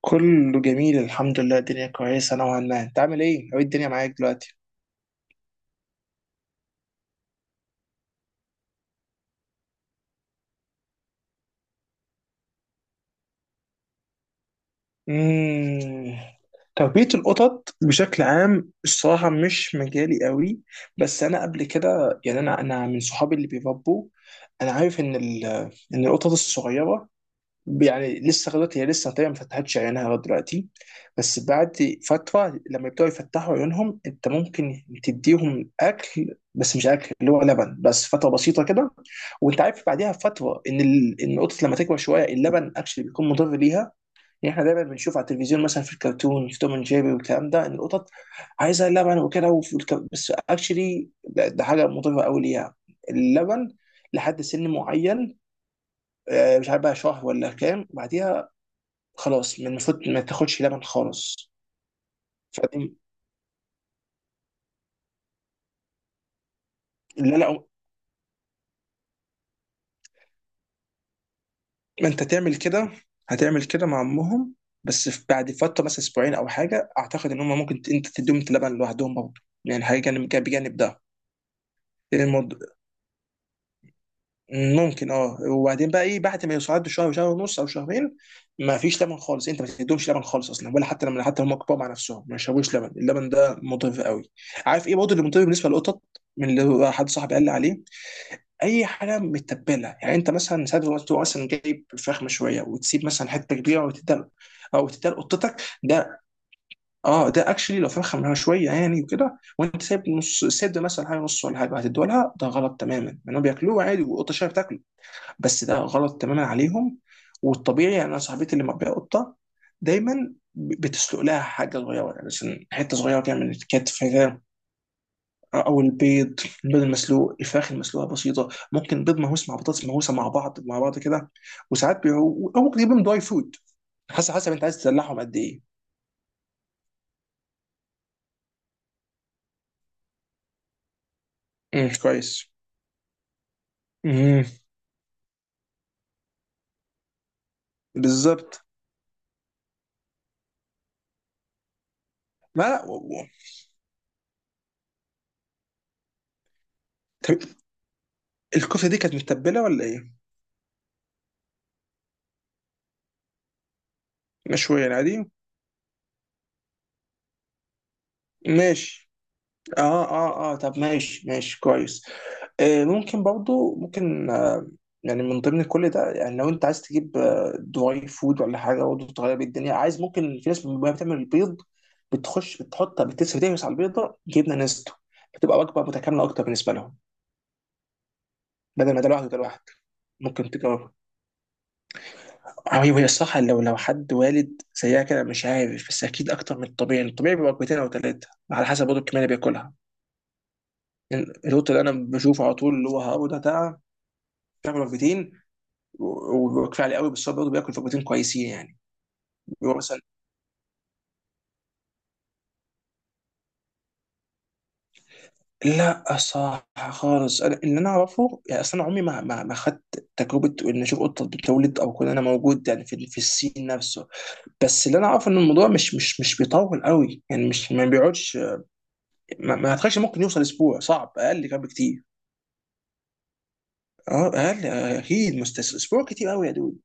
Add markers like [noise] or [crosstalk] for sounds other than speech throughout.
كله جميل الحمد لله. الدنيا كويسة نوعا ما. انت عامل ايه؟ ايه الدنيا معاك دلوقتي؟ مم. تربية القطط بشكل عام الصراحة مش مجالي قوي. بس أنا قبل كده، يعني، أنا من صحابي اللي بيربوا. أنا عارف إن إن القطط الصغيرة، يعني لسه لغايه دلوقتي هي لسه تقريبا ما فتحتش عينها لغايه دلوقتي. بس بعد فتره لما يبداوا يفتحوا عيونهم انت ممكن تديهم اكل، بس مش اكل اللي هو لبن، بس فتره بسيطه كده. وانت عارف بعديها بفتره ان ان القطط لما تكبر شويه اللبن اكشلي بيكون مضر ليها. يعني احنا دايما بنشوف على التلفزيون مثلا، في الكرتون، في توم اند جيري والكلام ده، ان القطط عايزه لبن وكده، بس اكشلي ده حاجه مضره قوي ليها، اللبن، لحد سن معين. مش عارف بقى شهر ولا كام بعديها. خلاص، من المفروض ما تاخدش لبن خالص. فدي اللي انا. ما انت تعمل كده. هتعمل كده مع امهم. بس في بعد فتره مثلا اسبوعين او حاجه، اعتقد ان هم ممكن انت تديهم لبن لوحدهم برضه. يعني حاجه جانب بجانب ده الموضوع. ممكن اه. وبعدين بقى ايه، بعد ما يوصلوا شهر وشهر ونص او شهرين، ما فيش لبن خالص. انت ما تديهمش لبن خالص اصلا، ولا حتى لما حتى هم كبار مع نفسهم ما يشربوش لبن. اللبن ده مضر قوي. عارف ايه برضه اللي مضر بالنسبه للقطط؟ من اللي هو حد صاحبي قال لي عليه، اي حاجه متبله. يعني انت مثلا ساعات لما تبقى مثلا جايب فراخ مشويه وتسيب مثلا حته كبيره وتديها، او تديها لقطتك، ده اه، ده اكشلي، لو فرخه مشويه يعني وكده وانت سايب نص سد مثلا حاجه نص ولا حاجه هتديها لها، ده غلط تماما، لانهم بياكلوه عادي والقطه شايفه بتاكله. بس ده غلط تماما عليهم. والطبيعي، يعني انا صاحبتي اللي مربيه قطه، دايما بتسلق لها حاجه صغيره، يعني مثلا حته صغيره كده من الكتف، او البيض، البيض المسلوق، الفراخ المسلوقه بسيطه، ممكن بيض مهوس مع بطاطس مهوسه مع بعض مع بعض كده. او ممكن تجيبهم دراي فود. حسب، حسب انت عايز تدلعهم قد ايه. امم، كويس. امم، بالظبط. لا و- و- طب الكفته دي كانت متبله ولا ايه؟ مشويه يعني عادي؟ ماشي. اه اه اه، طب ماشي، ماشي، كويس. ممكن برضو، ممكن يعني من ضمن كل ده، يعني لو انت عايز تجيب دراي فود ولا حاجه برضه تغير بيه الدنيا عايز، ممكن في ناس وهي بتعمل البيض بتخش بتحط بتسوي، تهمس على البيضه جبنه نستو، بتبقى وجبه متكامله اكتر بالنسبه لهم، بدل ما ده لوحده ده لوحده. ممكن تجربها. هي الصح. لو حد والد زيها كده مش عارف، بس اكيد اكتر من الطبيعي. الطبيعي بيبقى وجبتين او ثلاثه على حسب برضه الكميه اللي بياكلها. القط اللي انا بشوفه على طول، اللي هو هابو ده، بتاع، بيعمل وجبتين وكفايه عليه قوي، بس هو برضه بياكل وجبتين كويسين يعني. هو مثلا لا، صح خالص. انا اللي انا اعرفه، يعني اصل انا عمري ما ما خدت تجربه ان اشوف قطه بتولد، او كون انا موجود يعني في السين نفسه. بس اللي انا اعرفه ان الموضوع مش بيطول قوي، يعني مش ما بيقعدش. ما اعتقدش ممكن يوصل اسبوع، صعب، اقل كمان بكتير. اه اقل، اكيد مستس اسبوع كتير قوي يا دود.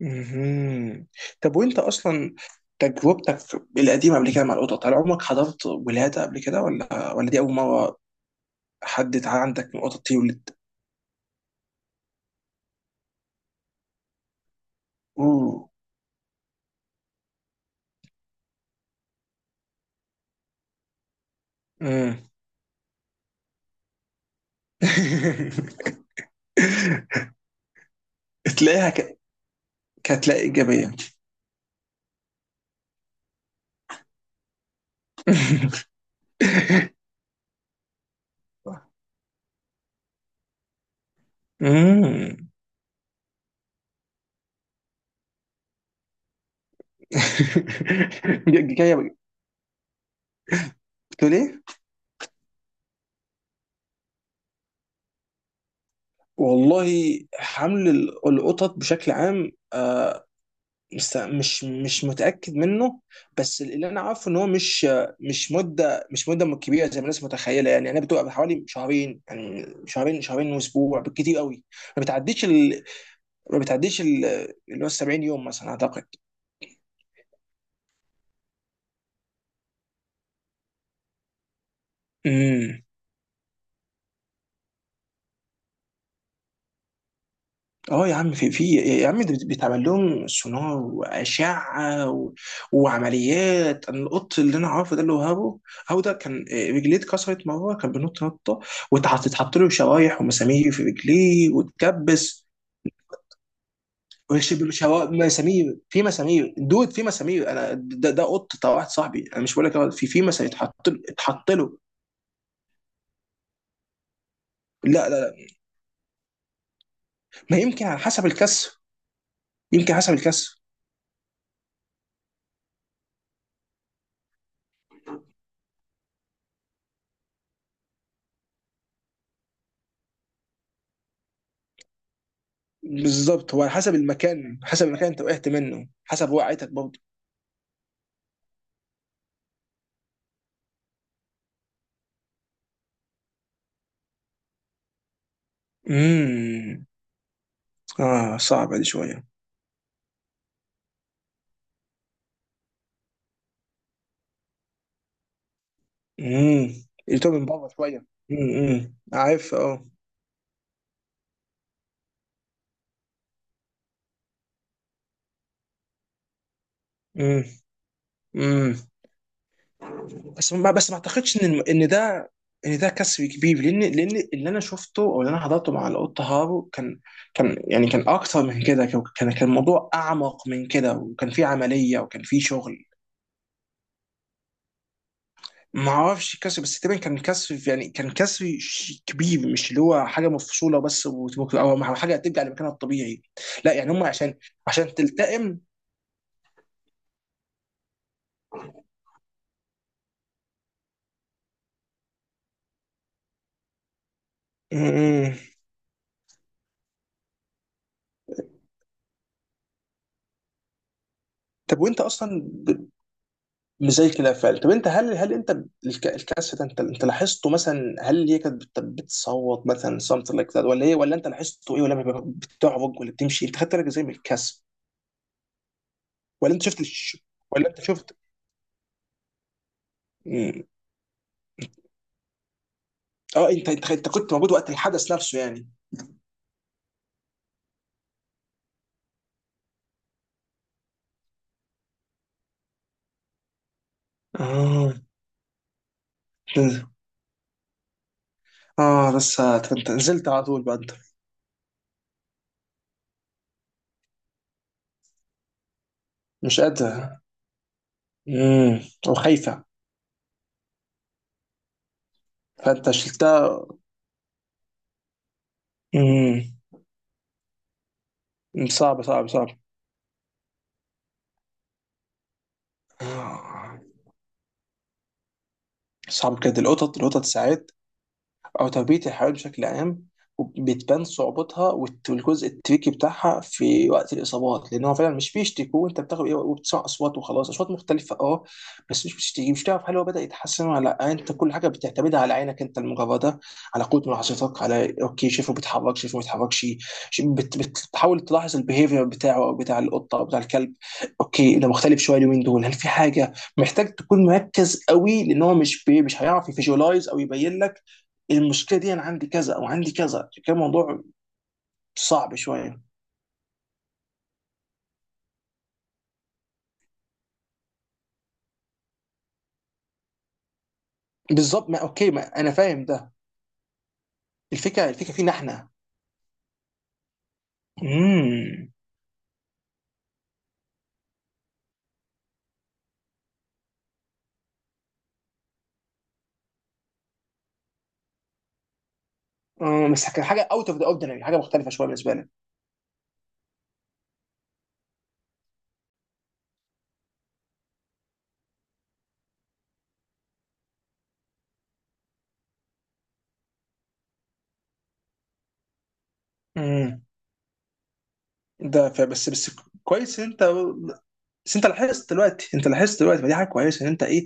مهم. طب وانت اصلا تجربتك القديمه قبل كده مع القطط، هل عمرك حضرت ولاده قبل كده، ولا ولا دي اول مره؟ حد عندك من قطط يولد؟ اوه. مم. [laughs] تلاقيها ك... كتلاقي ايجابيه. [laughs] مم. [laughs] جايه. بتقول ايه؟ والله حمل القطط بشكل عام، بس مش متأكد منه. بس اللي انا عارفه ان هو مش، مش مدة، مش مدة كبيرة زي ما الناس متخيلة. يعني انا بتبقى حوالي شهرين، يعني شهرين واسبوع بالكتير قوي. ما بتعديش ال... ما بتعديش اللي هو 70 يوم مثلا اعتقد. امم. اه يا عم، في يا عم، ده بيتعمل لهم سونار واشعه وعمليات. انا القط اللي انا عارفه، ده اللي هو هابو، هابو ده كان رجليه اتكسرت مره، كان بينط نطه، واتحط له شرايح ومسامير في رجليه واتكبس. مسامير، في مسامير. انا ده, ده قط بتاع واحد صاحبي. انا مش بقول لك هو في مسامير اتحط له. لا لا لا. ما يمكن على حسب الكسر، يمكن حسب الكسر. بالظبط، هو على حسب المكان، حسب المكان انت وقعت منه، حسب وقعتك برضه. امم. اه صعبة دي شوية. امم يتوب من بره شوية. امم، عارف اه. امم. امم. بس ما اعتقدش ان ان ده، ان ده كسر كبير. لان اللي انا شفته، او اللي انا حضرته مع القط هارو، كان، كان يعني كان اكتر من كده. كان الموضوع اعمق من كده، وكان في عملية وكان في شغل. ما اعرفش كسر بس تقريبا كان كسر، يعني كان كسر كبير، مش اللي هو حاجه مفصوله بس وتبقى، او حاجه ترجع لمكانها الطبيعي. لا، يعني هم عشان، عشان تلتئم. م-م. طب وانت اصلا مش زي كده فعلا. طب انت هل انت، الكسر ده، انت لاحظته مثلا، هل هي كانت بتصوت مثلا something like that ولا ايه، ولا انت لاحظته ايه، ولا بتعرج ولا بتمشي؟ انت خدت بالك ازاي من الكسر؟ ولا انت شفت الش... ولا انت شفت م. اه انت كنت موجود وقت الحدث نفسه يعني؟ اه اه، بس انت نزلت على طول بقى انت؟ مش قادر. امم. وخايفة. فانت شلتها. امم. صعب صعب صعب. آه، صعب كده القطط، القطط ساعات، او تربيه الحيوانات بشكل عام، بتبان صعوبتها والجزء التريكي بتاعها في وقت الاصابات. لان هو فعلا مش بيشتكوا، وانت بتاخد ايه وبتسمع اصوات، وخلاص اصوات مختلفه اه. بس مش بتشتكي، مش تعرف هل هو بدا يتحسن ولا لا. انت كل حاجه بتعتمدها على عينك انت المجرده، على قوه ملاحظتك، على اوكي شايفه بيتحرك، شايفه ما بيتحركش. بتحاول تلاحظ البيهيفير بتاعه، او بتاع القطه او بتاع الكلب. اوكي ده مختلف شويه اليومين دول، هل في حاجه. محتاج تكون مركز قوي، لان هو مش هيعرف يفيجوالايز او يبين لك المشكله دي انا عندي كذا او عندي كذا. كان موضوع صعب شويه. بالظبط. ما اوكي، ما انا فاهم ده. الفكره فينا احنا. امم. بس كان حاجه اوت اوف ذا اوردينري، حاجه مختلفه شويه بالنسبه لي. امم. ده بس كويس إن انت، بس انت لاحظت دلوقتي، انت لاحظت دلوقتي، فدي حاجه كويسه ان انت ايه،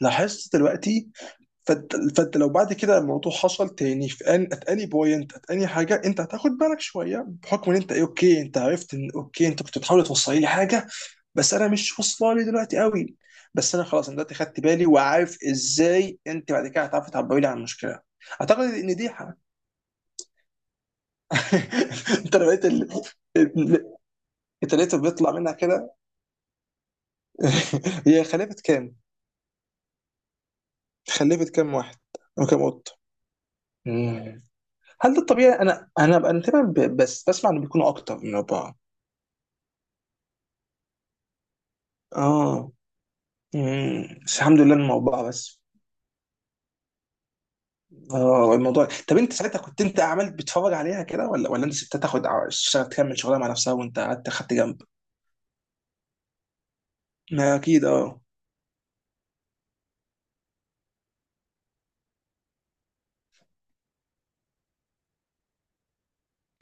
لاحظت دلوقتي. فانت لو بعد كده الموضوع حصل تاني، في ان ات اني بوينت ات اني حاجه، انت هتاخد بالك شويه بحكم ان انت ايه اوكي. انت عرفت ان اوكي انت كنت بتحاول توصل لي حاجه، بس انا مش واصله لي دلوقتي قوي. بس انا خلاص انا دلوقتي خدت بالي، وعارف ازاي انت بعد كده هتعرفي تعبري لي عن المشكله. اعتقد ان دي حق. [laughs] انت لو لقيت ال... ال- انت لقيته بيطلع منها كده. [laughs] هي خلفت كام؟ خلفت كام واحد؟ او كام قط؟ مم. هل ده الطبيعي؟ انا تقريبا بس بسمع انه بيكونوا اكتر من اربعه. اه. مم. بس الحمد لله انهم اربعه بس. اه الموضوع، طب انت ساعتها كنت، انت عملت بتتفرج عليها كده، ولا ولا انت سبتها تاخد اشتغل تكمل شغلها مع نفسها، وانت قعدت خدت جنب؟ ما اكيد اه.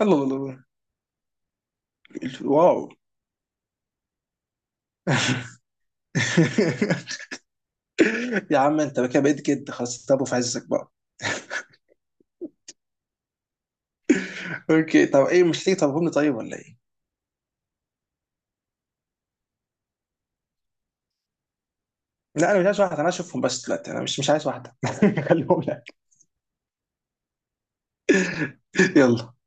الله الله الله. واو. [laughs] يا عم انت كده بقيت كده، خلاص، طب في عزك بقى. اوكي طب ايه، مش هتيجي طب، طيب ولا ايه؟ لا انا مش عايز واحده، انا اشوفهم بس دلوقتي، انا مش عايز واحده. [laughs] خليهم لك. يلا.